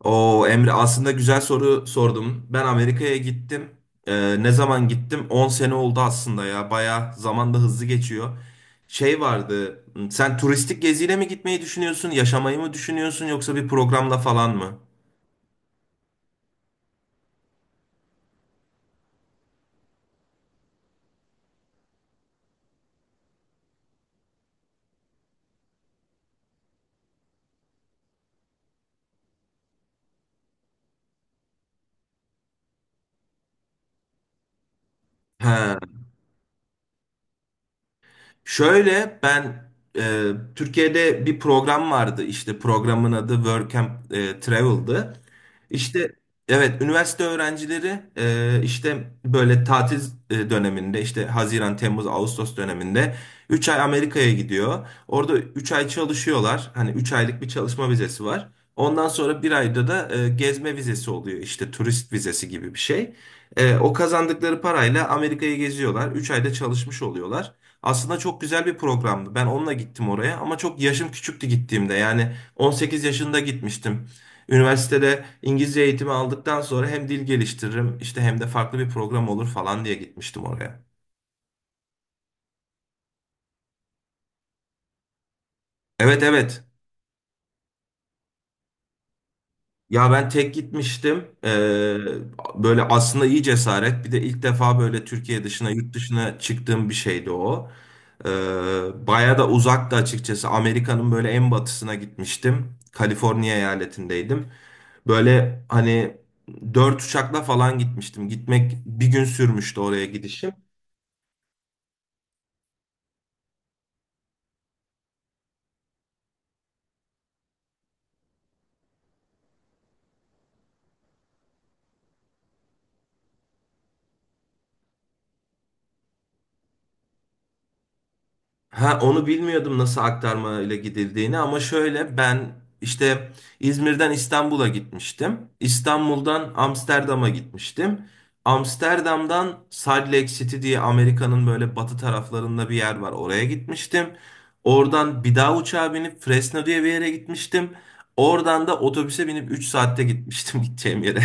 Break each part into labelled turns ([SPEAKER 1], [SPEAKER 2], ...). [SPEAKER 1] O Emre aslında güzel soru sordum. Ben Amerika'ya gittim. Ne zaman gittim? 10 sene oldu aslında ya. Baya zaman da hızlı geçiyor. Şey vardı. Sen turistik geziyle mi gitmeyi düşünüyorsun? Yaşamayı mı düşünüyorsun? Yoksa bir programla falan mı? He. Şöyle ben Türkiye'de bir program vardı, işte programın adı Work and Travel'dı. İşte evet, üniversite öğrencileri işte böyle tatil döneminde, işte Haziran, Temmuz, Ağustos döneminde 3 ay Amerika'ya gidiyor. Orada 3 ay çalışıyorlar. Hani 3 aylık bir çalışma vizesi var. Ondan sonra 1 ayda da gezme vizesi oluyor, işte turist vizesi gibi bir şey. O kazandıkları parayla Amerika'yı geziyorlar. 3 ayda çalışmış oluyorlar. Aslında çok güzel bir programdı. Ben onunla gittim oraya ama çok yaşım küçüktü gittiğimde. Yani 18 yaşında gitmiştim. Üniversitede İngilizce eğitimi aldıktan sonra hem dil geliştiririm işte hem de farklı bir program olur falan diye gitmiştim oraya. Evet, evet. Ya ben tek gitmiştim. Böyle aslında iyi cesaret. Bir de ilk defa böyle Türkiye dışına, yurt dışına çıktığım bir şeydi o. Ee, Baya da uzaktı açıkçası. Amerika'nın böyle en batısına gitmiştim. Kaliforniya eyaletindeydim. Böyle hani dört uçakla falan gitmiştim. Gitmek 1 gün sürmüştü, oraya gidişim. Ha, onu bilmiyordum nasıl aktarma ile gidildiğini, ama şöyle ben işte İzmir'den İstanbul'a gitmiştim. İstanbul'dan Amsterdam'a gitmiştim. Amsterdam'dan Salt Lake City diye Amerika'nın böyle batı taraflarında bir yer var. Oraya gitmiştim. Oradan bir daha uçağa binip Fresno diye bir yere gitmiştim. Oradan da otobüse binip 3 saatte gitmiştim gideceğim yere.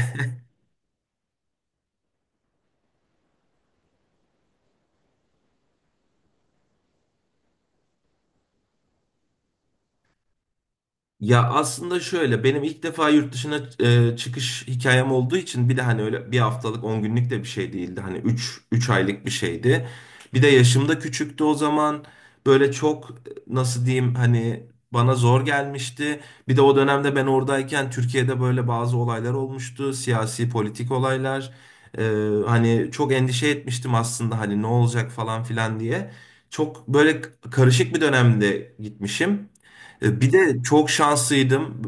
[SPEAKER 1] Ya aslında şöyle, benim ilk defa yurt dışına çıkış hikayem olduğu için, bir de hani öyle 1 haftalık 10 günlük de bir şey değildi. Hani üç aylık bir şeydi. Bir de yaşım da küçüktü o zaman. Böyle çok, nasıl diyeyim hani, bana zor gelmişti. Bir de o dönemde ben oradayken Türkiye'de böyle bazı olaylar olmuştu. Siyasi politik olaylar. E, Hani çok endişe etmiştim aslında, hani ne olacak falan filan diye. Çok böyle karışık bir dönemde gitmişim. Bir de çok şanslıydım.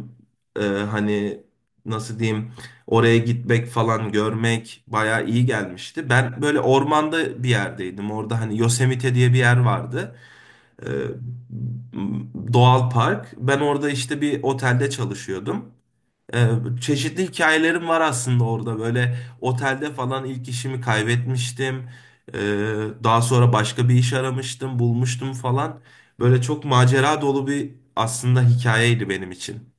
[SPEAKER 1] Hani nasıl diyeyim, oraya gitmek falan, görmek bayağı iyi gelmişti. Ben böyle ormanda bir yerdeydim. Orada hani Yosemite diye bir yer vardı. E, Doğal park. Ben orada işte bir otelde çalışıyordum. Ee, Çeşitli hikayelerim var aslında orada. Böyle otelde falan ilk işimi kaybetmiştim. Ee, Daha sonra başka bir iş aramıştım, bulmuştum falan. Böyle çok macera dolu bir aslında hikayeydi benim için.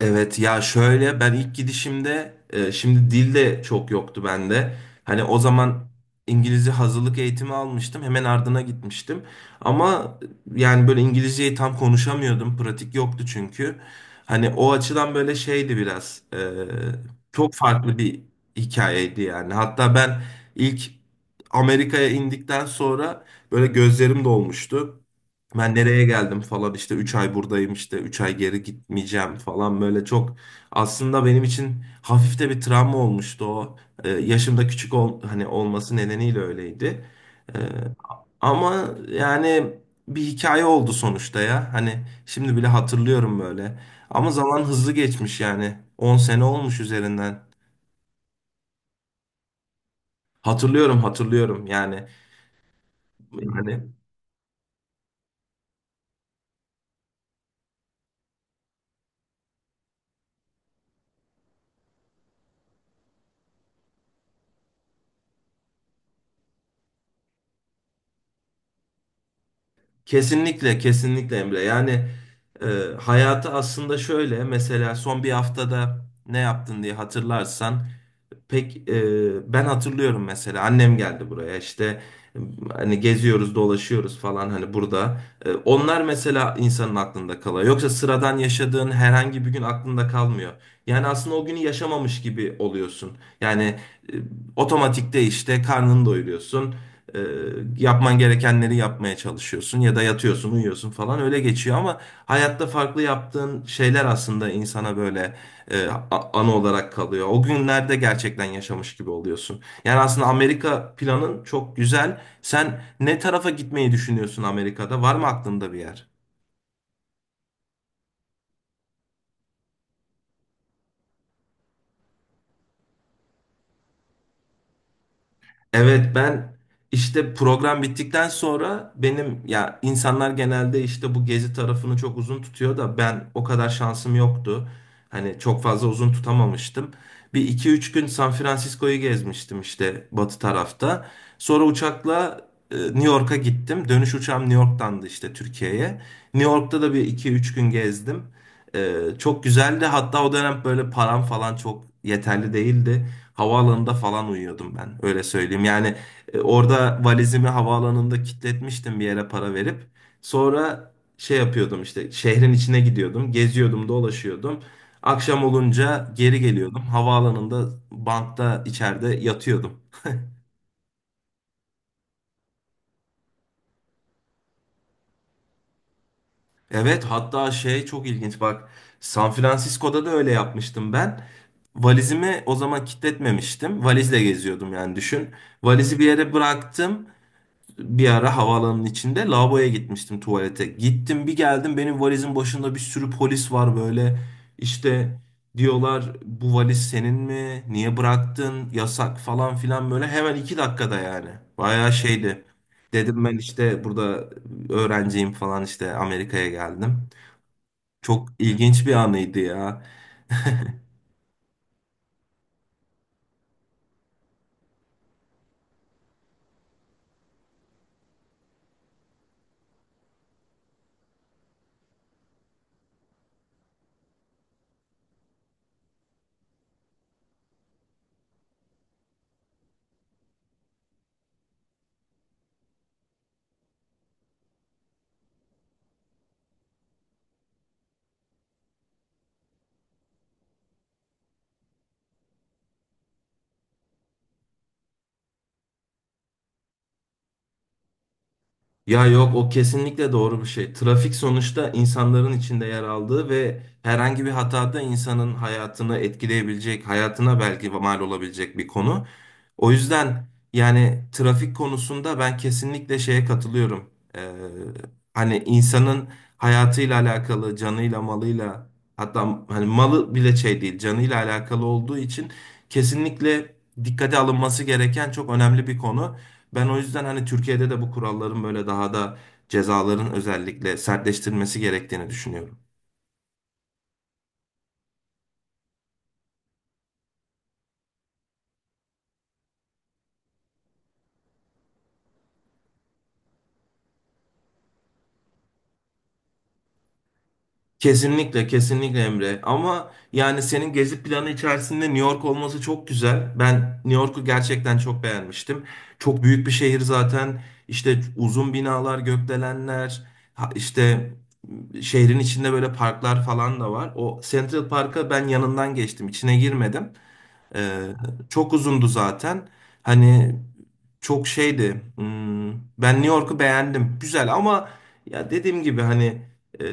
[SPEAKER 1] Evet ya, şöyle ben ilk gidişimde şimdi dil de çok yoktu bende. Hani o zaman İngilizce hazırlık eğitimi almıştım. Hemen ardına gitmiştim. Ama yani böyle İngilizceyi tam konuşamıyordum. Pratik yoktu çünkü. Hani o açıdan böyle şeydi biraz. Çok farklı bir hikayeydi yani. Hatta ben ilk Amerika'ya indikten sonra böyle gözlerim dolmuştu. Ben nereye geldim falan, işte 3 ay buradayım, işte 3 ay geri gitmeyeceğim falan, böyle çok aslında benim için hafif de bir travma olmuştu o. Yaşımda hani olması nedeniyle öyleydi. Ee, Ama yani bir hikaye oldu sonuçta ya. Hani şimdi bile hatırlıyorum böyle. Ama zaman hızlı geçmiş yani. 10 sene olmuş üzerinden. Hatırlıyorum, hatırlıyorum yani. Yani kesinlikle, kesinlikle Emre. Yani e, hayatı aslında şöyle, mesela son 1 haftada ne yaptın diye hatırlarsan, pek ben hatırlıyorum mesela, annem geldi buraya, işte e, hani geziyoruz, dolaşıyoruz falan hani burada. E, onlar mesela insanın aklında kalıyor. Yoksa sıradan yaşadığın herhangi bir gün aklında kalmıyor. Yani aslında o günü yaşamamış gibi oluyorsun. Yani e, otomatikte işte karnını doyuruyorsun. E, Yapman gerekenleri yapmaya çalışıyorsun, ya da yatıyorsun uyuyorsun falan, öyle geçiyor. Ama hayatta farklı yaptığın şeyler aslında insana böyle anı olarak kalıyor. O günlerde gerçekten yaşamış gibi oluyorsun. Yani aslında Amerika planın çok güzel. Sen ne tarafa gitmeyi düşünüyorsun Amerika'da? Var mı aklında bir yer? Evet, ben işte program bittikten sonra, benim ya, insanlar genelde işte bu gezi tarafını çok uzun tutuyor da, ben o kadar şansım yoktu. Hani çok fazla uzun tutamamıştım. Bir iki üç gün San Francisco'yu gezmiştim, işte batı tarafta. Sonra uçakla New York'a gittim. Dönüş uçağım New York'tandı, işte Türkiye'ye. New York'ta da bir iki üç gün gezdim. E, Çok güzeldi. Hatta o dönem böyle param falan çok yeterli değildi. Havaalanında falan uyuyordum ben, öyle söyleyeyim. Yani orada valizimi havaalanında kilitletmiştim bir yere para verip. Sonra şey yapıyordum, işte şehrin içine gidiyordum, geziyordum, dolaşıyordum. Akşam olunca geri geliyordum. Havaalanında bantta içeride yatıyordum. Evet, hatta şey çok ilginç bak, San Francisco'da da öyle yapmıştım ben. Valizimi o zaman kilitletmemiştim. Valizle geziyordum yani, düşün. Valizi bir yere bıraktım. Bir ara havaalanının içinde lavaboya gitmiştim, tuvalete. Gittim bir geldim, benim valizin başında bir sürü polis var böyle. İşte diyorlar, bu valiz senin mi? Niye bıraktın? Yasak falan filan, böyle hemen 2 dakikada yani. Bayağı şeydi. Dedim ben işte burada öğrenciyim falan, işte Amerika'ya geldim. Çok ilginç bir anıydı ya. Ya yok, o kesinlikle doğru bir şey. Trafik sonuçta insanların içinde yer aldığı ve herhangi bir hatada insanın hayatını etkileyebilecek, hayatına belki mal olabilecek bir konu. O yüzden yani trafik konusunda ben kesinlikle şeye katılıyorum. Ee, Hani insanın hayatıyla alakalı, canıyla, malıyla, hatta hani malı bile şey değil, canıyla alakalı olduğu için kesinlikle dikkate alınması gereken çok önemli bir konu. Ben o yüzden hani Türkiye'de de bu kuralların böyle daha da, cezaların özellikle sertleştirilmesi gerektiğini düşünüyorum. Kesinlikle, kesinlikle Emre. Ama yani senin gezi planı içerisinde New York olması çok güzel. Ben New York'u gerçekten çok beğenmiştim. Çok büyük bir şehir zaten. İşte uzun binalar, gökdelenler, işte şehrin içinde böyle parklar falan da var. O Central Park'a ben yanından geçtim, içine girmedim. Ee, Çok uzundu zaten. Hani çok şeydi. Ben New York'u beğendim. Güzel ama, ya dediğim gibi hani e,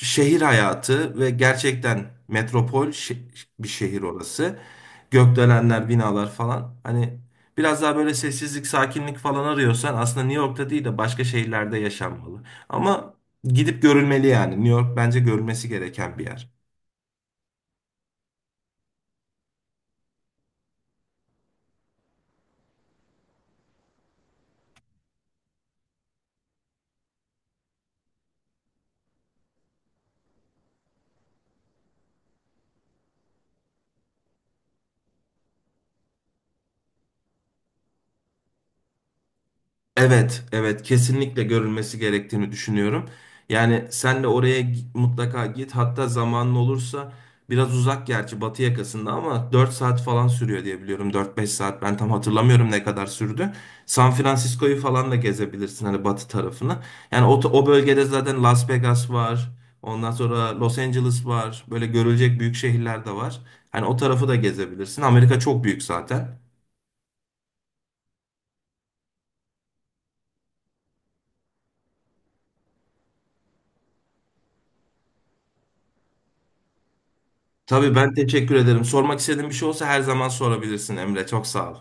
[SPEAKER 1] şehir hayatı ve gerçekten metropol bir şehir orası. Gökdelenler, binalar falan. Hani biraz daha böyle sessizlik, sakinlik falan arıyorsan, aslında New York'ta değil de başka şehirlerde yaşanmalı. Ama gidip görülmeli yani. New York bence görülmesi gereken bir yer. Evet, evet kesinlikle görülmesi gerektiğini düşünüyorum. Yani sen de oraya mutlaka git. Hatta zamanın olursa, biraz uzak gerçi batı yakasında, ama 4 saat falan sürüyor diye biliyorum. 4-5 saat, ben tam hatırlamıyorum ne kadar sürdü. San Francisco'yu falan da gezebilirsin, hani batı tarafını. Yani o, o bölgede zaten Las Vegas var. Ondan sonra Los Angeles var. Böyle görülecek büyük şehirler de var. Hani o tarafı da gezebilirsin. Amerika çok büyük zaten. Tabii, ben teşekkür ederim. Sormak istediğin bir şey olsa her zaman sorabilirsin Emre. Çok sağ ol.